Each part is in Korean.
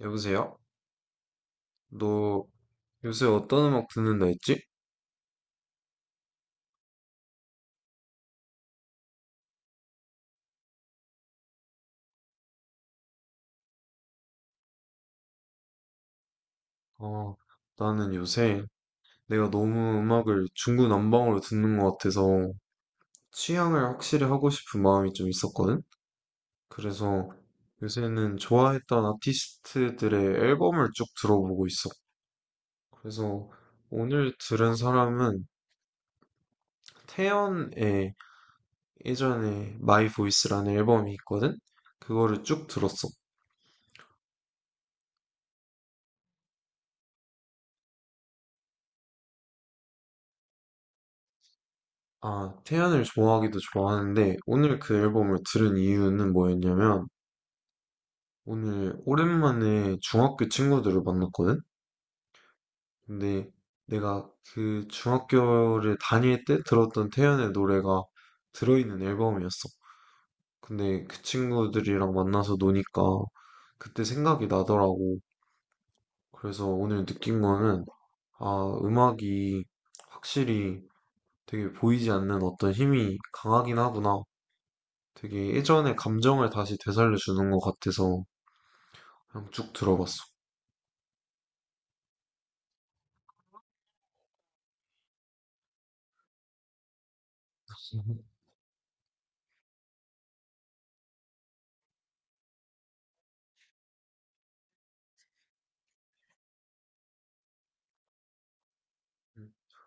여보세요? 너 요새 어떤 음악 듣는다 했지? 어, 나는 요새 내가 너무 음악을 중구난방으로 듣는 것 같아서 취향을 확실히 하고 싶은 마음이 좀 있었거든? 그래서 요새는 좋아했던 아티스트들의 앨범을 쭉 들어보고 있어. 그래서 오늘 들은 사람은 태연의 예전에 마이 보이스라는 앨범이 있거든? 그거를 쭉 들었어. 아, 태연을 좋아하기도 좋아하는데, 오늘 그 앨범을 들은 이유는 뭐였냐면, 오늘 오랜만에 중학교 친구들을 만났거든? 근데 내가 그 중학교를 다닐 때 들었던 태연의 노래가 들어있는 앨범이었어. 근데 그 친구들이랑 만나서 노니까 그때 생각이 나더라고. 그래서 오늘 느낀 거는, 아, 음악이 확실히 되게 보이지 않는 어떤 힘이 강하긴 하구나. 되게 예전의 감정을 다시 되살려 주는 것 같아서 그냥 쭉 들어봤어. 음.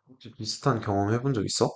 혹시 비슷한 경험 해본 적 있어?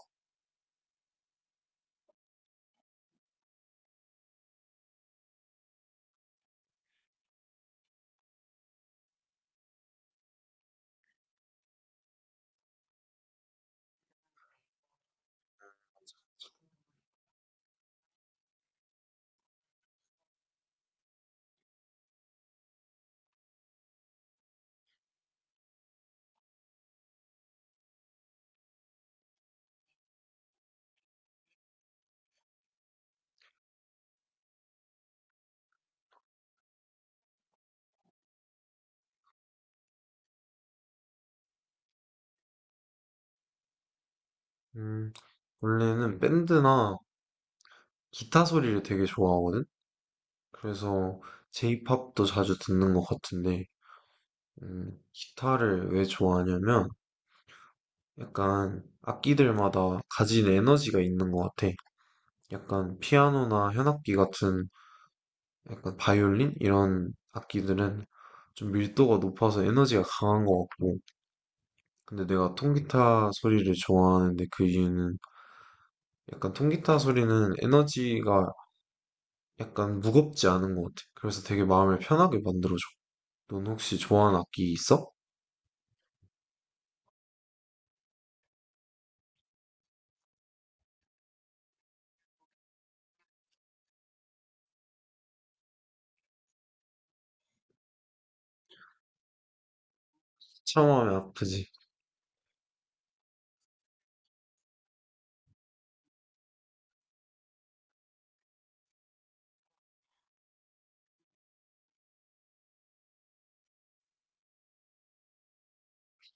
음, 원래는 밴드나 기타 소리를 되게 좋아하거든? 그래서 J-pop도 자주 듣는 것 같은데, 기타를 왜 좋아하냐면, 약간 악기들마다 가진 에너지가 있는 것 같아. 약간 피아노나 현악기 같은 약간 바이올린 이런 악기들은 좀 밀도가 높아서 에너지가 강한 것 같고. 근데 내가 통기타 소리를 좋아하는데 그 이유는 약간 통기타 소리는 에너지가 약간 무겁지 않은 것 같아. 그래서 되게 마음을 편하게 만들어줘. 넌 혹시 좋아하는 악기 있어? 참하면 아프지.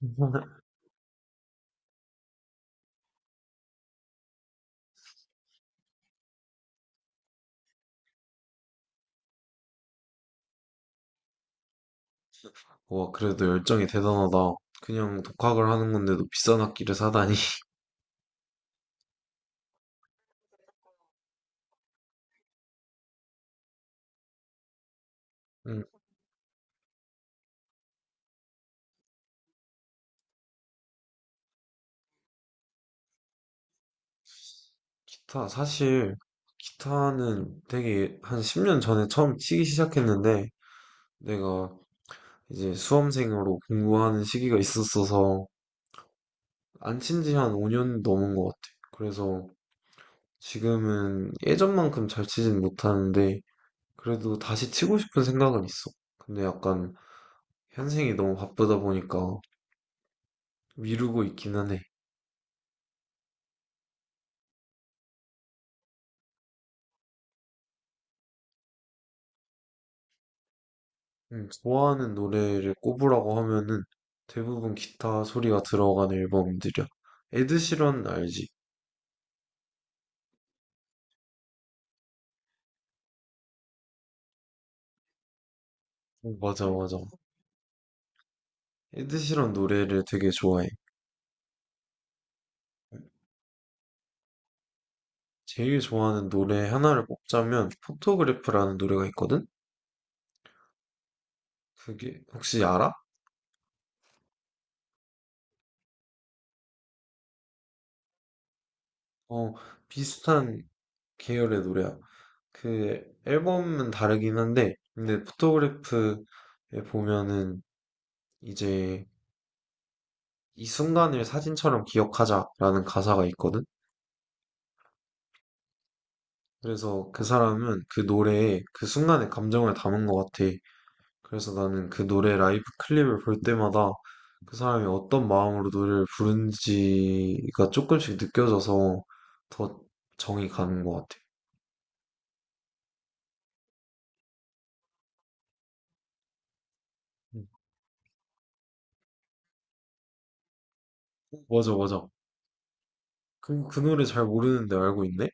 와, 그래도 열정이 대단하다. 그냥 독학을 하는 건데도 비싼 악기를 사다니. 음, 기타, 사실, 기타는 되게 한 10년 전에 처음 치기 시작했는데, 내가 이제 수험생으로 공부하는 시기가 있었어서, 안 친지 한 5년 넘은 것 같아. 그래서 지금은 예전만큼 잘 치진 못하는데, 그래도 다시 치고 싶은 생각은 있어. 근데 약간, 현생이 너무 바쁘다 보니까 미루고 있기는 해. 좋아하는 노래를 꼽으라고 하면은 대부분 기타 소리가 들어간 앨범들이야. 에드시런 알지? 어, 맞아, 맞아. 에드시런 노래를 되게 좋아해. 제일 좋아하는 노래 하나를 꼽자면 포토그래프라는 노래가 있거든? 그게 혹시 알아? 어, 비슷한 계열의 노래야. 그 앨범은 다르긴 한데 근데 포토그래프에 보면은 이제 이 순간을 사진처럼 기억하자라는 가사가 있거든? 그래서 그 사람은 그 노래에 그 순간의 감정을 담은 것 같아. 그래서 나는 그 노래 라이브 클립을 볼 때마다 그 사람이 어떤 마음으로 노래를 부른지가 조금씩 느껴져서 더 정이 가는 것 같아. 음. 맞아, 맞아. 그 노래 잘 모르는데 알고 있네?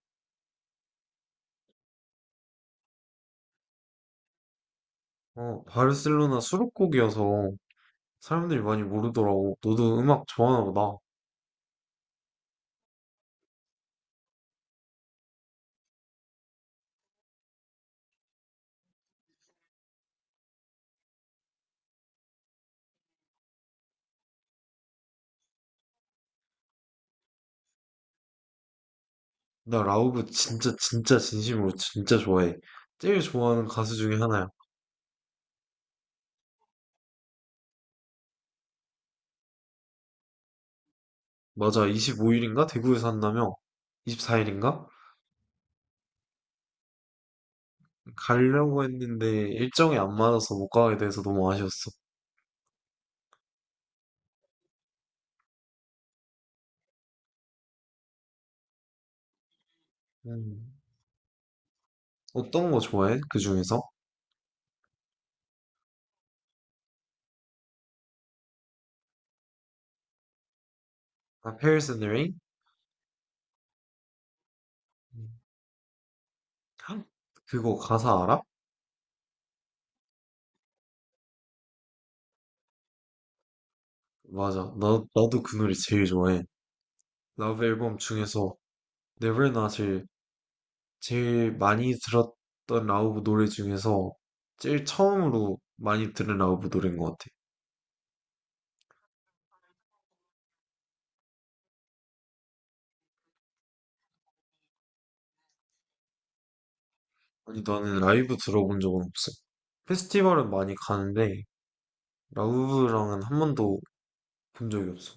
어, 바르셀로나 수록곡이어서 사람들이 많이 모르더라고. 너도 음악 좋아하나 보다. 나 라우브 진짜 진심으로 진짜 좋아해. 제일 좋아하는 가수 중에 하나야. 맞아, 25일인가? 대구에서 한다며? 24일인가? 가려고 했는데 일정이 안 맞아서 못 가게 돼서 너무 아쉬웠어. 음. 어떤 거 좋아해? 그 중에서? 아, Paris and the Rain? 음. 헉, 그거 가사 알아? 맞아. 나도 그 노래 제일 좋아해. 러브 앨범 중에서 Never Not을 제일 많이 들었던 라우브 노래 중에서 제일 처음으로 많이 들은 라우브 노래인 것 같아. 아니, 나는 라이브 들어본 적은 없어. 페스티벌은 많이 가는데 라우브랑은 한 번도 본 적이 없어.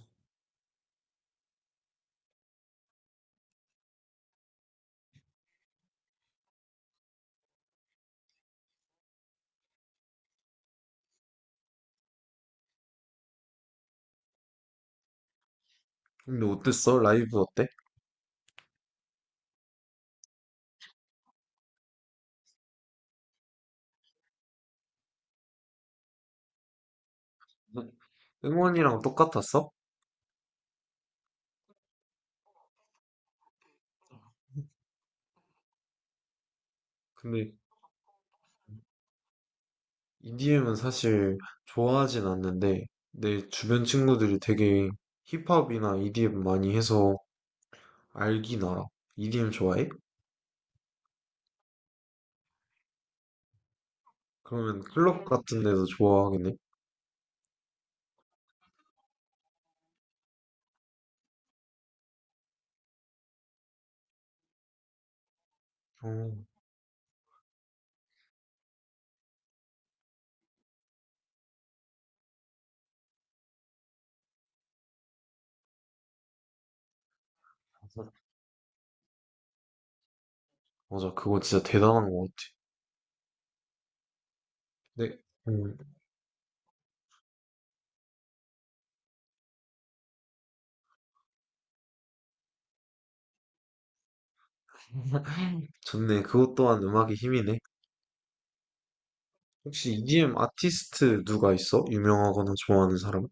근데 어땠어? 라이브 어때? 응? 응원이랑 똑같았어? 근데 EDM은 사실 좋아하진 않는데 내 주변 친구들이 되게 힙합이나 EDM 많이 해서 알긴 알아. EDM 좋아해? 그러면 클럽 같은 데서 좋아하겠네? 어, 맞아. 맞아, 그거 진짜 대단한 것 같아. 네, 음, 좋네. 그것 또한 음악의 힘이네. 혹시 EDM 아티스트 누가 있어? 유명하거나 좋아하는 사람?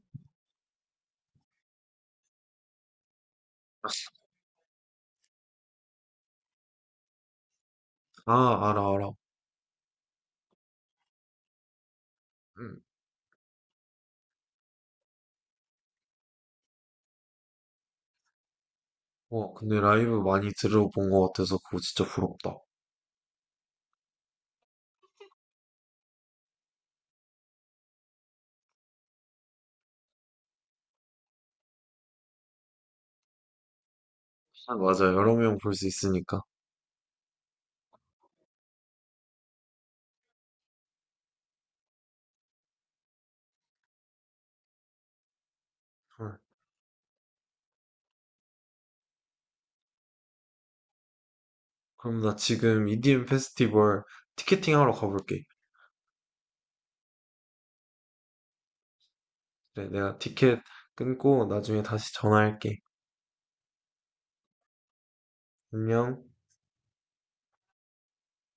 아, 알아, 알아. 응. 와, 근데 라이브 많이 들어본 것 같아서 그거 진짜 부럽다. 아, 맞아. 여러 명 볼 수 있으니까. 헐. 그럼 나 지금 EDM 페스티벌 티켓팅 하러 가볼게. 그래, 내가 티켓 끊고 나중에 다시 전화할게. 안녕.